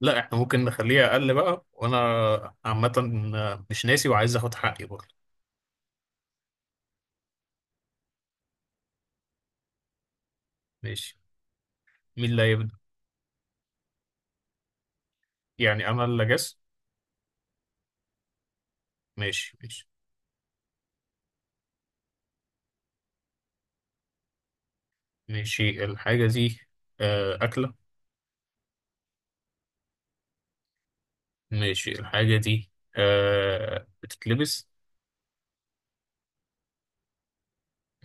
لا، احنا ممكن نخليها اقل بقى وانا عامه مش ناسي وعايز اخد حقي برضه. ماشي، مين اللي هيبدا؟ يعني انا اللي جس؟ ماشي، ماشي. ماشي الحاجه دي اكله؟ ماشي الحاجه دي بتتلبس؟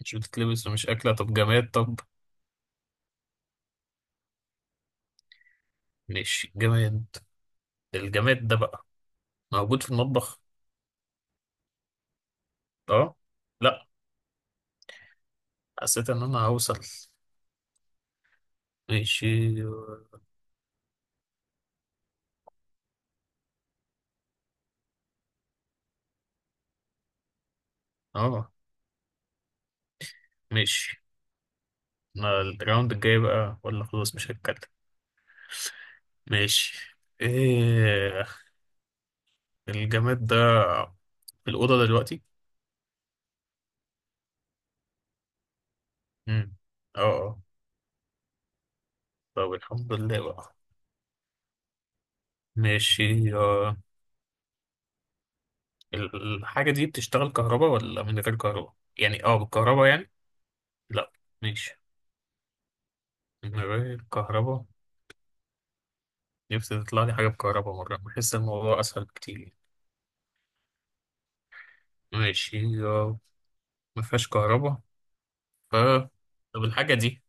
مش بتتلبس ومش اكله، طب جماد؟ طب. ماشي، جماد. الجماد ده بقى موجود في المطبخ؟ اه، لا، حسيت ان انا هوصل. ماشي، اه، ماشي. أنا الراوند الجاي بقى ولا خلاص مش هتكلم؟ ماشي. ايه؟ الجماد ده في الأوضة دلوقتي؟ امم اه، آه. طب الحمد لله بقى. ماشي، آه. الحاجة دي بتشتغل كهرباء ولا من غير كهرباء؟ يعني اه بالكهرباء يعني؟ لا، ماشي، من غير كهرباء. نفسي تطلع لي حاجة بكهرباء مرة، بحس الموضوع أسهل كتير. ماشي، آه. ما فيهاش كهرباء. ف طب الحاجة دي،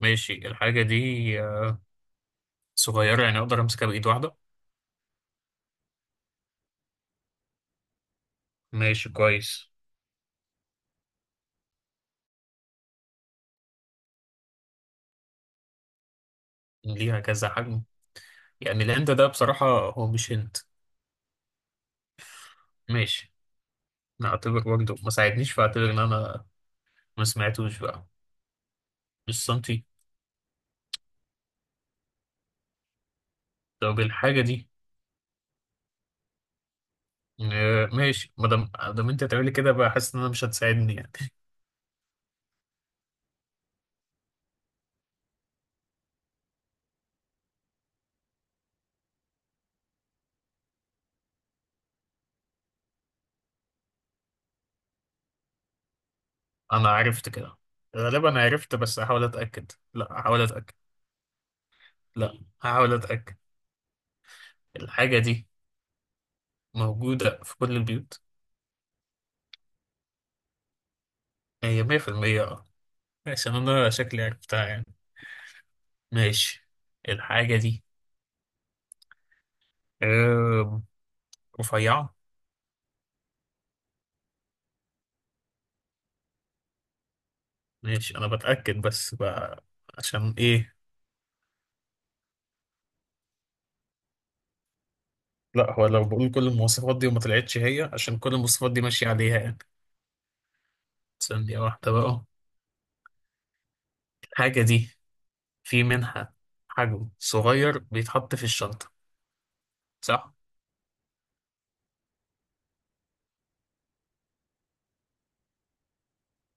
ماشي الحاجة دي آه، صغيرة يعني أقدر أمسكها بإيد واحدة؟ ماشي، كويس. ليها كذا حجم؟ يعني الهند ده بصراحة هو مش هند. ماشي. نعتبر برضه ما ساعدنيش، فاعتبر إن أنا ما سمعتوش بقى. مش سنتي. طب الحاجة دي ماشي، ما دام أنت تعملي كده بقى حاسس إن أنا مش هتساعدني يعني. أنا عرفت كده، غالبا أنا عرفت، بس هحاول أتأكد. لا هحاول أتأكد، لا هحاول أتأكد. الحاجة دي موجودة في كل البيوت، هي 100%. أه، عشان أنا شكلي عرفتها يعني. ماشي، الحاجة دي آه، رفيعة. ماشي، انا بتأكد بس بقى. عشان ايه؟ لا، هو لو بقول كل المواصفات دي وما طلعتش هي، عشان كل المواصفات دي ماشية عليها يعني. ثانية واحدة بقى. الحاجة دي في منها حجم صغير بيتحط في الشنطة، صح؟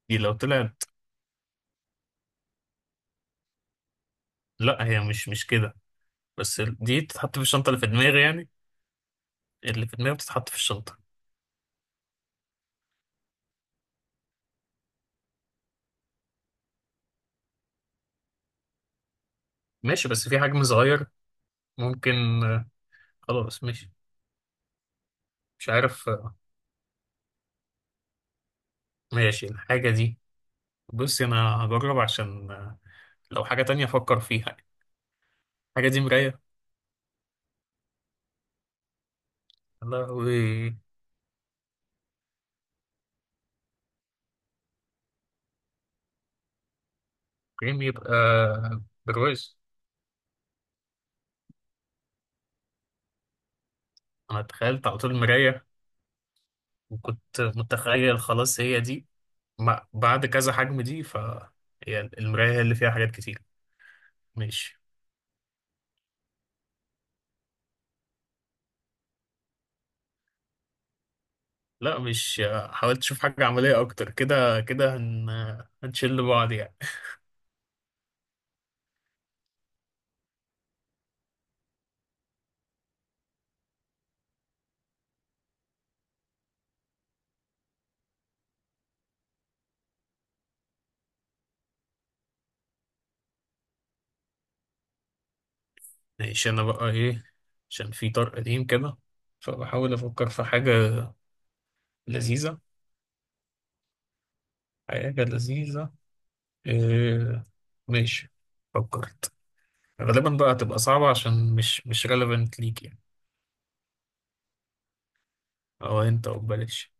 دي لو طلعت. لا، هي مش كده، بس دي تتحط في الشنطة اللي في دماغي يعني. اللي في دماغي بتتحط في الشنطة. ماشي، بس في حجم صغير ممكن. آه، خلاص، ماشي. مش عارف. ماشي الحاجة دي، بصي أنا هجرب عشان لو حاجة تانية أفكر فيها. الحاجة دي مراية؟ لهوي! كريم يبقى، بالرز؟ انا تخيلت على طول مراية، وكنت متخيل خلاص هي دي. ما بعد كذا حجم دي. هي المراية هي اللي فيها حاجات كتير. ماشي. لا، مش. حاولت اشوف حاجة عملية اكتر كده كده، هنشل بعض يعني. ماشي، انا بقى ايه؟ عشان في طرق قديم كده، فبحاول افكر في حاجة لذيذة، حاجة لذيذة. إيه... ماشي، فكرت. غالبا بقى هتبقى صعبة عشان مش relevant ليك يعني، او انت، او ببلاش.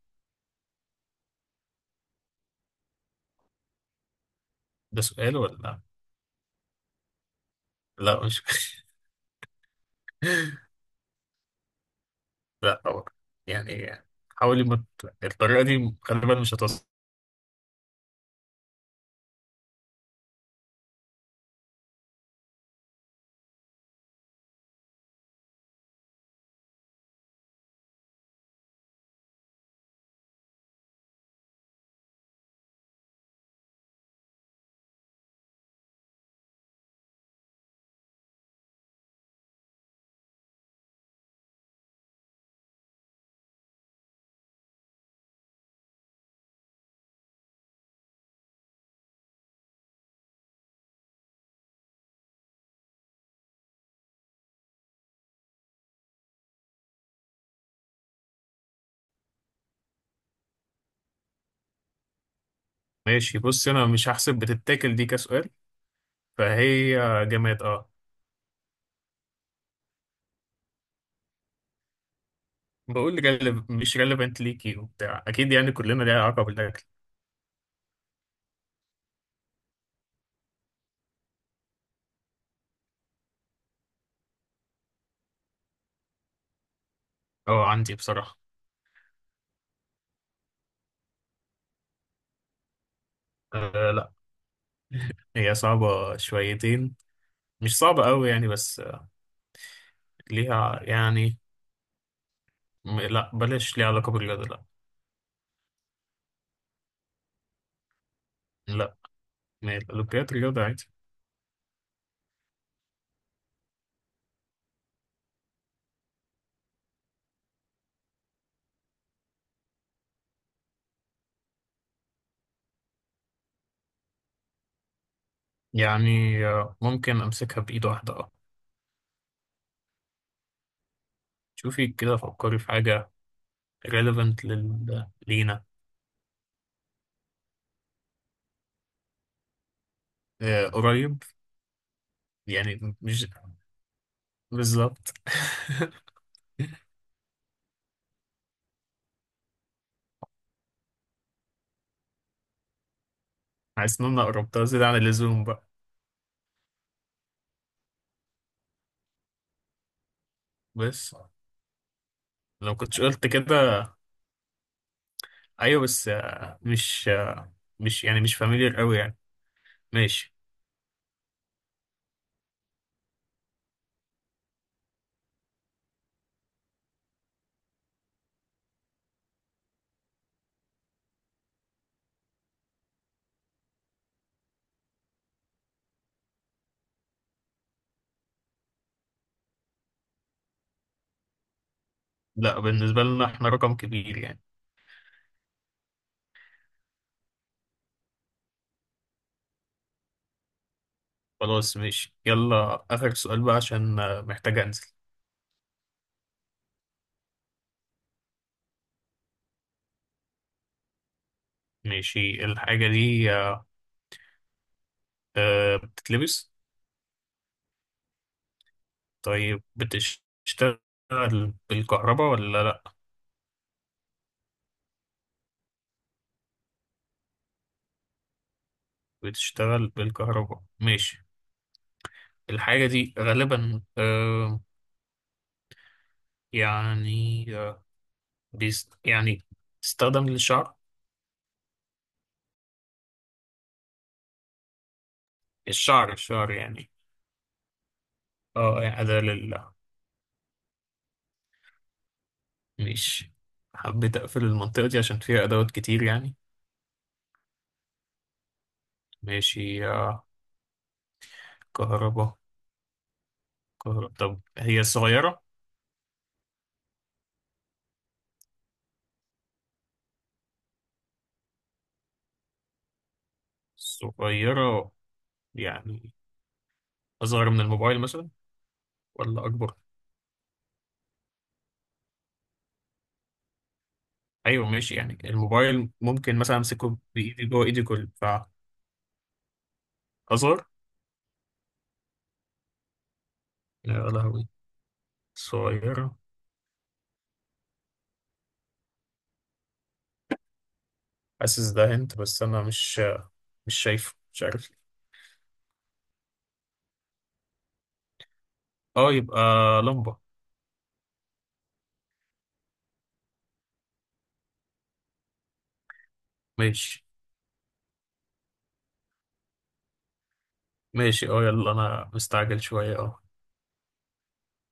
ده سؤال ولا؟ لا، مش. لا طبعا. يعني حاولي، ما ت- الطريقة دي غالبا مش هتوصل. ماشي، بص انا مش هحسب بتتاكل دي كسؤال، فهي جماد، اه. بقول جلب مش relevant ليكي وبتاع، اكيد يعني كلنا ليها علاقة بالاكل. اه، عندي بصراحة. آه، لا، هي صعبة شويتين. مش صعبة قوي يعني، بس ليها يعني. لا بلاش. ليها علاقة بالرياضة؟ لا. لا، ما هي الأولمبياد رياضة عادي. يعني ممكن أمسكها بإيد واحدة، أه. شوفي كده، فكري في حاجة relevant لينا. قريب يعني، مش بالظبط. حاسس إن أنا قربتها زيادة عن اللزوم بقى. بس لو كنتش قلت كده. أيوه، بس مش مش يعني، مش فاميليار أوي يعني. ماشي، لا، بالنسبة لنا إحنا رقم كبير يعني. خلاص، ماشي، يلا آخر سؤال بقى عشان محتاج أنزل. ماشي الحاجة دي بتتلبس؟ طيب بتشتغل بالكهرباء ولا لأ؟ بتشتغل بالكهرباء، ماشي. الحاجة دي غالبا يعني بيست يعني، تستخدم للشعر. الشعر، الشعر يعني. اه، يعني أداة ماشي. حبيت أقفل المنطقة دي عشان فيها أدوات كتير يعني. ماشي، كهرباء. كهرباء، طب هي صغيرة؟ صغيرة. يعني أصغر من الموبايل مثلا ولا أكبر؟ ايوه، ماشي، يعني الموبايل ممكن مثلا امسكه بايدي، جوه ايدي كل، فهزر. يا لهوي، صغيرة. حاسس ده انت بس، انا مش شايفه، مش عارف ليه. اه، يبقى لمبة. ماشي، ماشي، اه، يلا انا مستعجل شوية، اه.